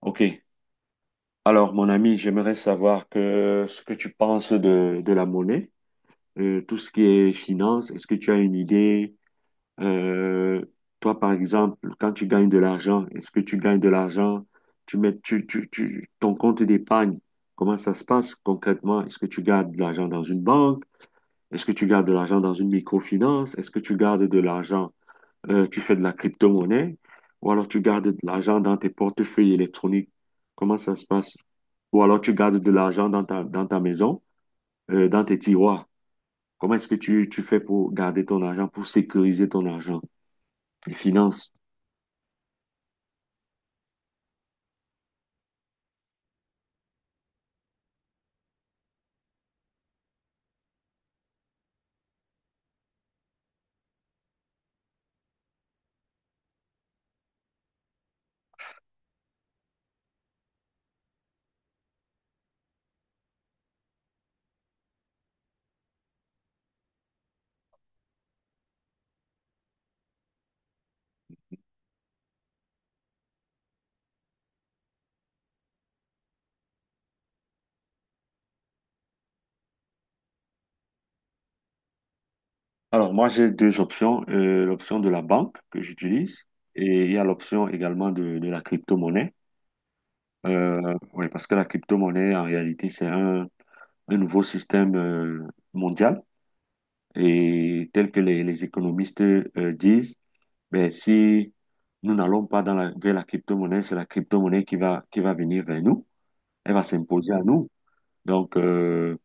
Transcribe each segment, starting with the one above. Ok. Alors, mon ami, j'aimerais savoir que ce que tu penses de la monnaie, tout ce qui est finance. Est-ce que tu as une idée? Euh, Toi, par exemple, quand tu gagnes de l'argent, est-ce que tu gagnes de l'argent? Tu mets, ton compte d'épargne, comment ça se passe concrètement? Est-ce que tu gardes de l'argent dans une banque? Est-ce que tu gardes de l'argent dans une microfinance? Est-ce que tu gardes de l'argent, tu fais de la crypto-monnaie, ou alors tu gardes de l'argent dans tes portefeuilles électroniques. Comment ça se passe? Ou alors tu gardes de l'argent dans ta maison, dans tes tiroirs. Comment est-ce que tu fais pour garder ton argent, pour sécuriser ton argent, les finances? Alors moi, j'ai deux options. L'option de la banque que j'utilise et il y a l'option également de la crypto-monnaie. Oui, parce que la crypto-monnaie, en réalité, c'est un nouveau système mondial. Et tel que les économistes disent, ben, si nous n'allons pas vers la crypto-monnaie, c'est la crypto-monnaie qui va venir vers nous. Elle va s'imposer à nous. Donc,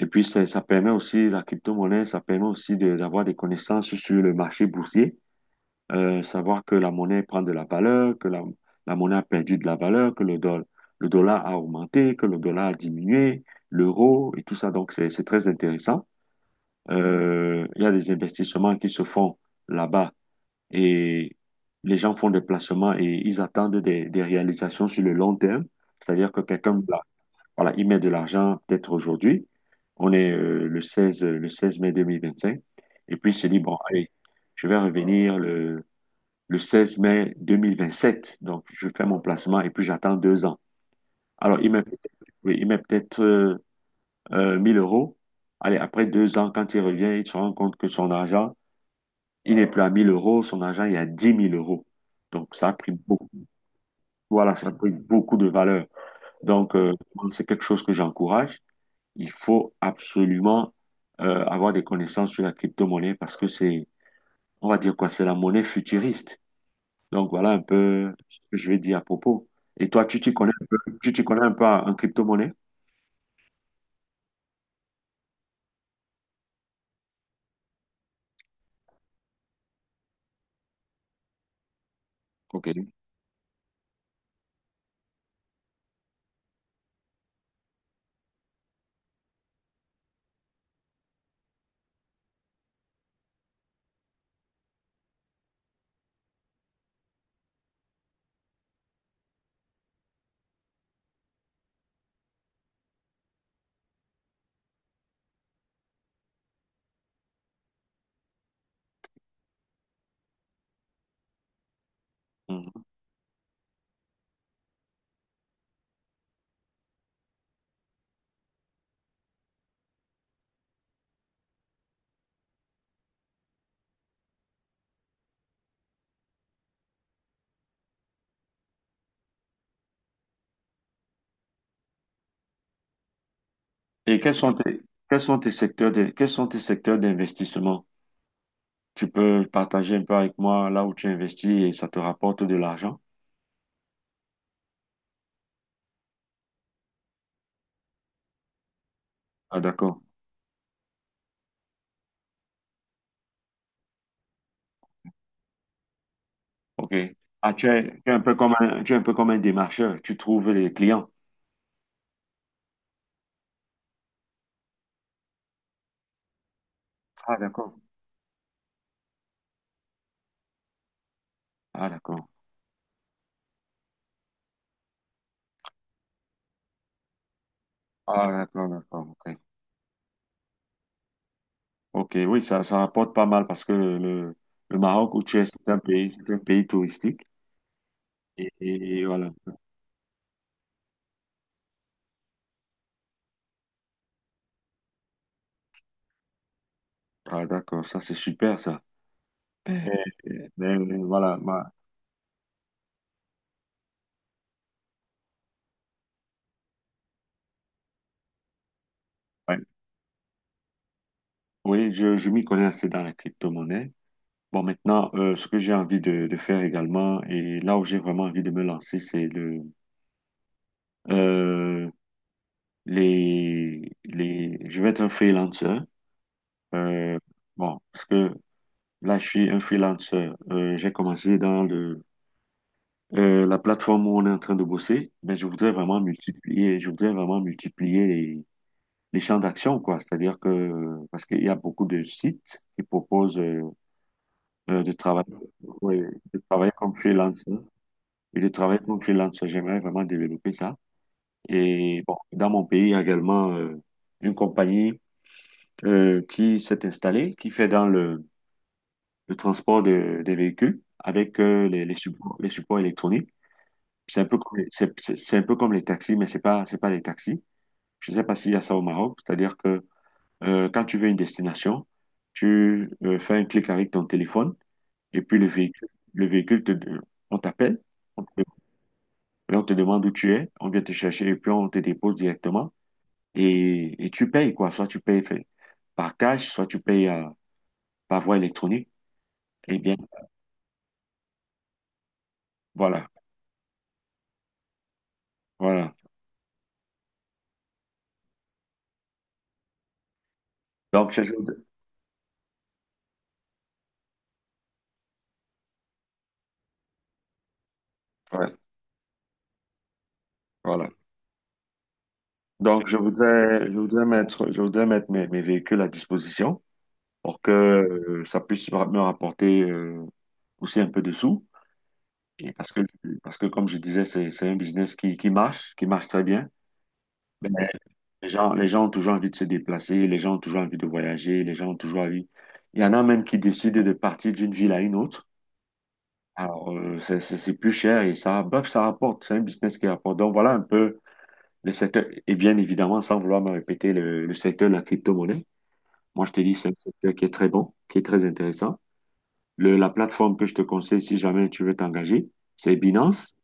et puis, ça permet aussi, la crypto-monnaie, ça permet aussi d'avoir des connaissances sur le marché boursier, savoir que la monnaie prend de la valeur, que la monnaie a perdu de la valeur, que le dollar a augmenté, que le dollar a diminué, l'euro et tout ça. Donc, c'est très intéressant. Il y a des investissements qui se font là-bas et les gens font des placements et ils attendent des réalisations sur le long terme. C'est-à-dire que quelqu'un, voilà, voilà, il met de l'argent peut-être aujourd'hui. On est le 16 mai cinq Et puis il se dit, bon, allez, je vais revenir le 16 mai deux mille vingt sept. Je fais mon placement et puis j'attends 2 ans. Alors, il met, oui, il met peut-être 1000 euros. Allez, après 2 ans, quand il revient, il se rend compte que son argent, il n'est plus à 1 000 euros, son argent est à 10 000 euros. Donc, ça a pris beaucoup, voilà, ça a pris beaucoup de valeur. Donc, c'est quelque chose que j'encourage. Il faut absolument avoir des connaissances sur la crypto-monnaie parce que c'est, on va dire quoi, c'est la monnaie futuriste. Donc, voilà un peu ce que je vais dire à propos. Et toi, tu t'y connais un peu, tu t'y connais un peu en crypto-monnaie? OK. Mhm. Et quels sont tes secteurs d'investissement? Tu peux partager un peu avec moi là où tu investis et ça te rapporte de l'argent? Ah, d'accord. OK. Ah, tu es un peu comme un, tu es un peu comme un démarcheur. Tu trouves les clients. Ah, d'accord. Ah, d'accord. Ah, d'accord, d'accord. OK. OK, oui, ça rapporte pas mal parce que le Maroc où tu es, c'est un pays touristique. Et voilà. Ah, d'accord. Ça, c'est super, ça. Mais, mais voilà. Ouais. Oui, je m'y connais assez dans la crypto-monnaie. Bon, maintenant, ce que j'ai envie de faire également, et là où j'ai vraiment envie de me lancer, c'est euh, je vais être un freelancer. Euh, bon, parce que là, je suis un freelancer. J'ai commencé dans la plateforme où on est en train de bosser, mais je voudrais vraiment multiplier, je voudrais vraiment multiplier les champs d'action, quoi. C'est-à-dire que, parce qu'il y a beaucoup de sites qui proposent de travailler, ouais, de travailler comme freelancer. Et de travailler comme freelance, j'aimerais vraiment développer ça. Et bon, dans mon pays, il y a également une compagnie qui s'est installée, qui fait dans le transport des véhicules avec les supports électroniques. C'est un peu comme c'est un peu comme les taxis, mais c'est pas des taxis. Je sais pas s'il y a ça au Maroc. C'est-à-dire que quand tu veux une destination, tu fais un clic avec ton téléphone et puis le véhicule on t'appelle. Et on te demande où tu es, on vient te chercher et puis on te dépose directement. Et tu payes, quoi. Soit tu payes par cash, soit tu payes par voie électronique. Eh bien, voilà, voilà. Donc, ouais, voilà. Donc, je voudrais mettre mes véhicules à disposition pour que ça puisse me rapporter aussi un peu de sous. Et parce que comme je disais, c'est un business qui marche très bien. Les gens ont toujours envie de se déplacer, les gens ont toujours envie de voyager, les gens ont toujours envie. Il y en a même qui décident de partir d'une ville à une autre. Alors, c'est plus cher et ça, bref, ça rapporte. C'est un business qui rapporte. Donc, voilà un peu le secteur. Et bien évidemment, sans vouloir me répéter, le secteur de la crypto-monnaie. Moi, je te dis, c'est un secteur qui est très bon, qui est très intéressant. La plateforme que je te conseille si jamais tu veux t'engager, c'est Binance.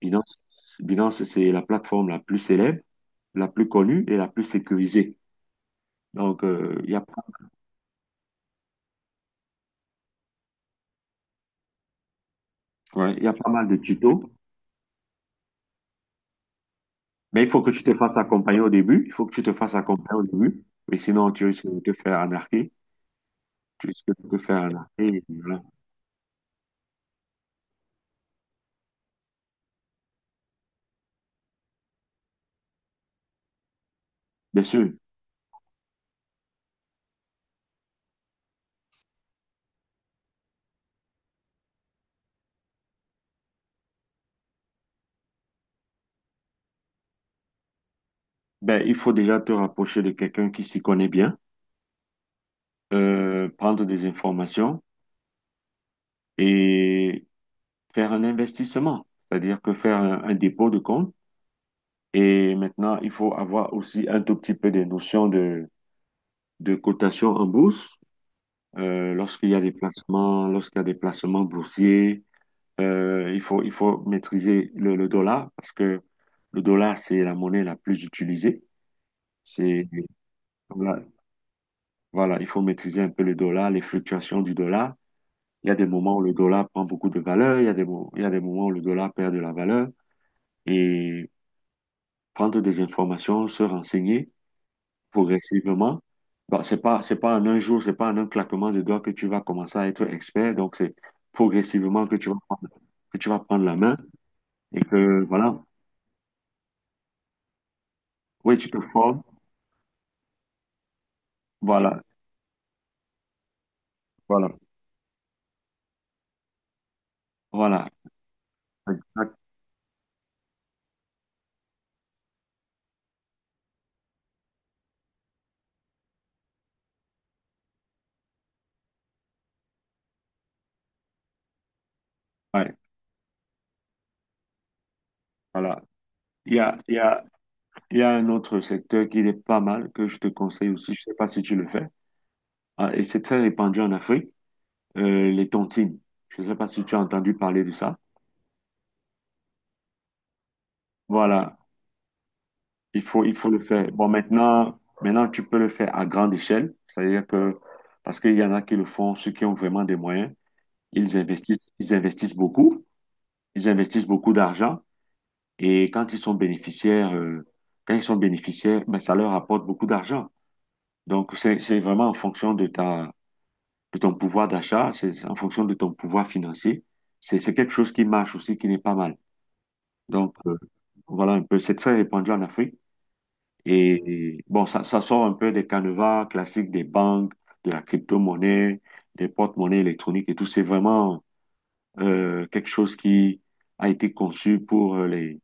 Binance, Binance, c'est la plateforme la plus célèbre, la plus connue et la plus sécurisée. Donc, il y a Ouais, il y a pas mal de tutos, mais il faut que tu te fasses accompagner au début. Il faut que tu te fasses accompagner au début, mais sinon tu risques de te faire anarquer. Tu risques de te faire anarquer. Et voilà. Bien sûr, ben, il faut déjà te rapprocher de quelqu'un qui s'y connaît bien, prendre des informations et faire un investissement, c'est-à-dire que faire un dépôt de compte. Et maintenant, il faut avoir aussi un tout petit peu des notions de cotation en bourse, lorsqu'il y a des placements, lorsqu'il y a des placements boursiers. Il faut maîtriser le dollar parce que le dollar, c'est la monnaie la plus utilisée. C'est, voilà, voilà, il faut maîtriser un peu le dollar, les fluctuations du dollar. Il y a des moments où le dollar prend beaucoup de valeur, il y a il y a des moments où le dollar perd de la valeur. Et prendre des informations, se renseigner progressivement. Bon, c'est pas en un jour, c'est pas en un claquement de doigts que tu vas commencer à être expert. Donc, c'est progressivement que tu vas prendre, que tu vas prendre la main et que, voilà. Oui, tu te formes. Voilà, voilà, voilà. Exact- ouais, voilà. Il y a, il y a, il y a un autre secteur qui est pas mal, que je te conseille aussi. Je sais pas si tu le fais. Ah, et c'est très répandu en Afrique, les tontines. Je sais pas si tu as entendu parler de ça. Voilà, il faut le faire. Bon, maintenant, tu peux le faire à grande échelle. C'est-à-dire que, parce qu'il y en a qui le font, ceux qui ont vraiment des moyens, ils investissent beaucoup. Ils investissent beaucoup d'argent. Et quand ils sont bénéficiaires, quand ils sont bénéficiaires, ben, ça leur apporte beaucoup d'argent. Donc, c'est vraiment en fonction de ton pouvoir d'achat, c'est en fonction de ton pouvoir financier. C'est quelque chose qui marche aussi, qui n'est pas mal. Donc, voilà un peu. C'est très répandu en Afrique. Et bon, ça sort un peu des canevas classiques des banques, de la crypto-monnaie, des porte-monnaies électroniques et tout. C'est vraiment, quelque chose qui a été conçu pour les,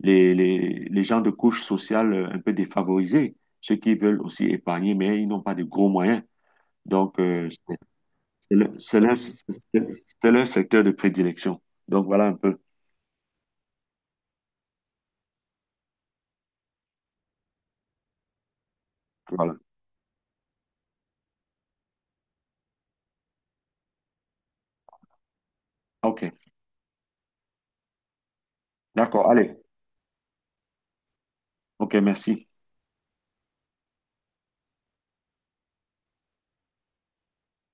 les, les, les gens de couche sociale un peu défavorisés, ceux qui veulent aussi épargner, mais ils n'ont pas de gros moyens. Donc, c'est le- c'est leur, c'est leur secteur de prédilection. Donc, voilà un peu. Voilà. OK. D'accord. Allez. OK, merci.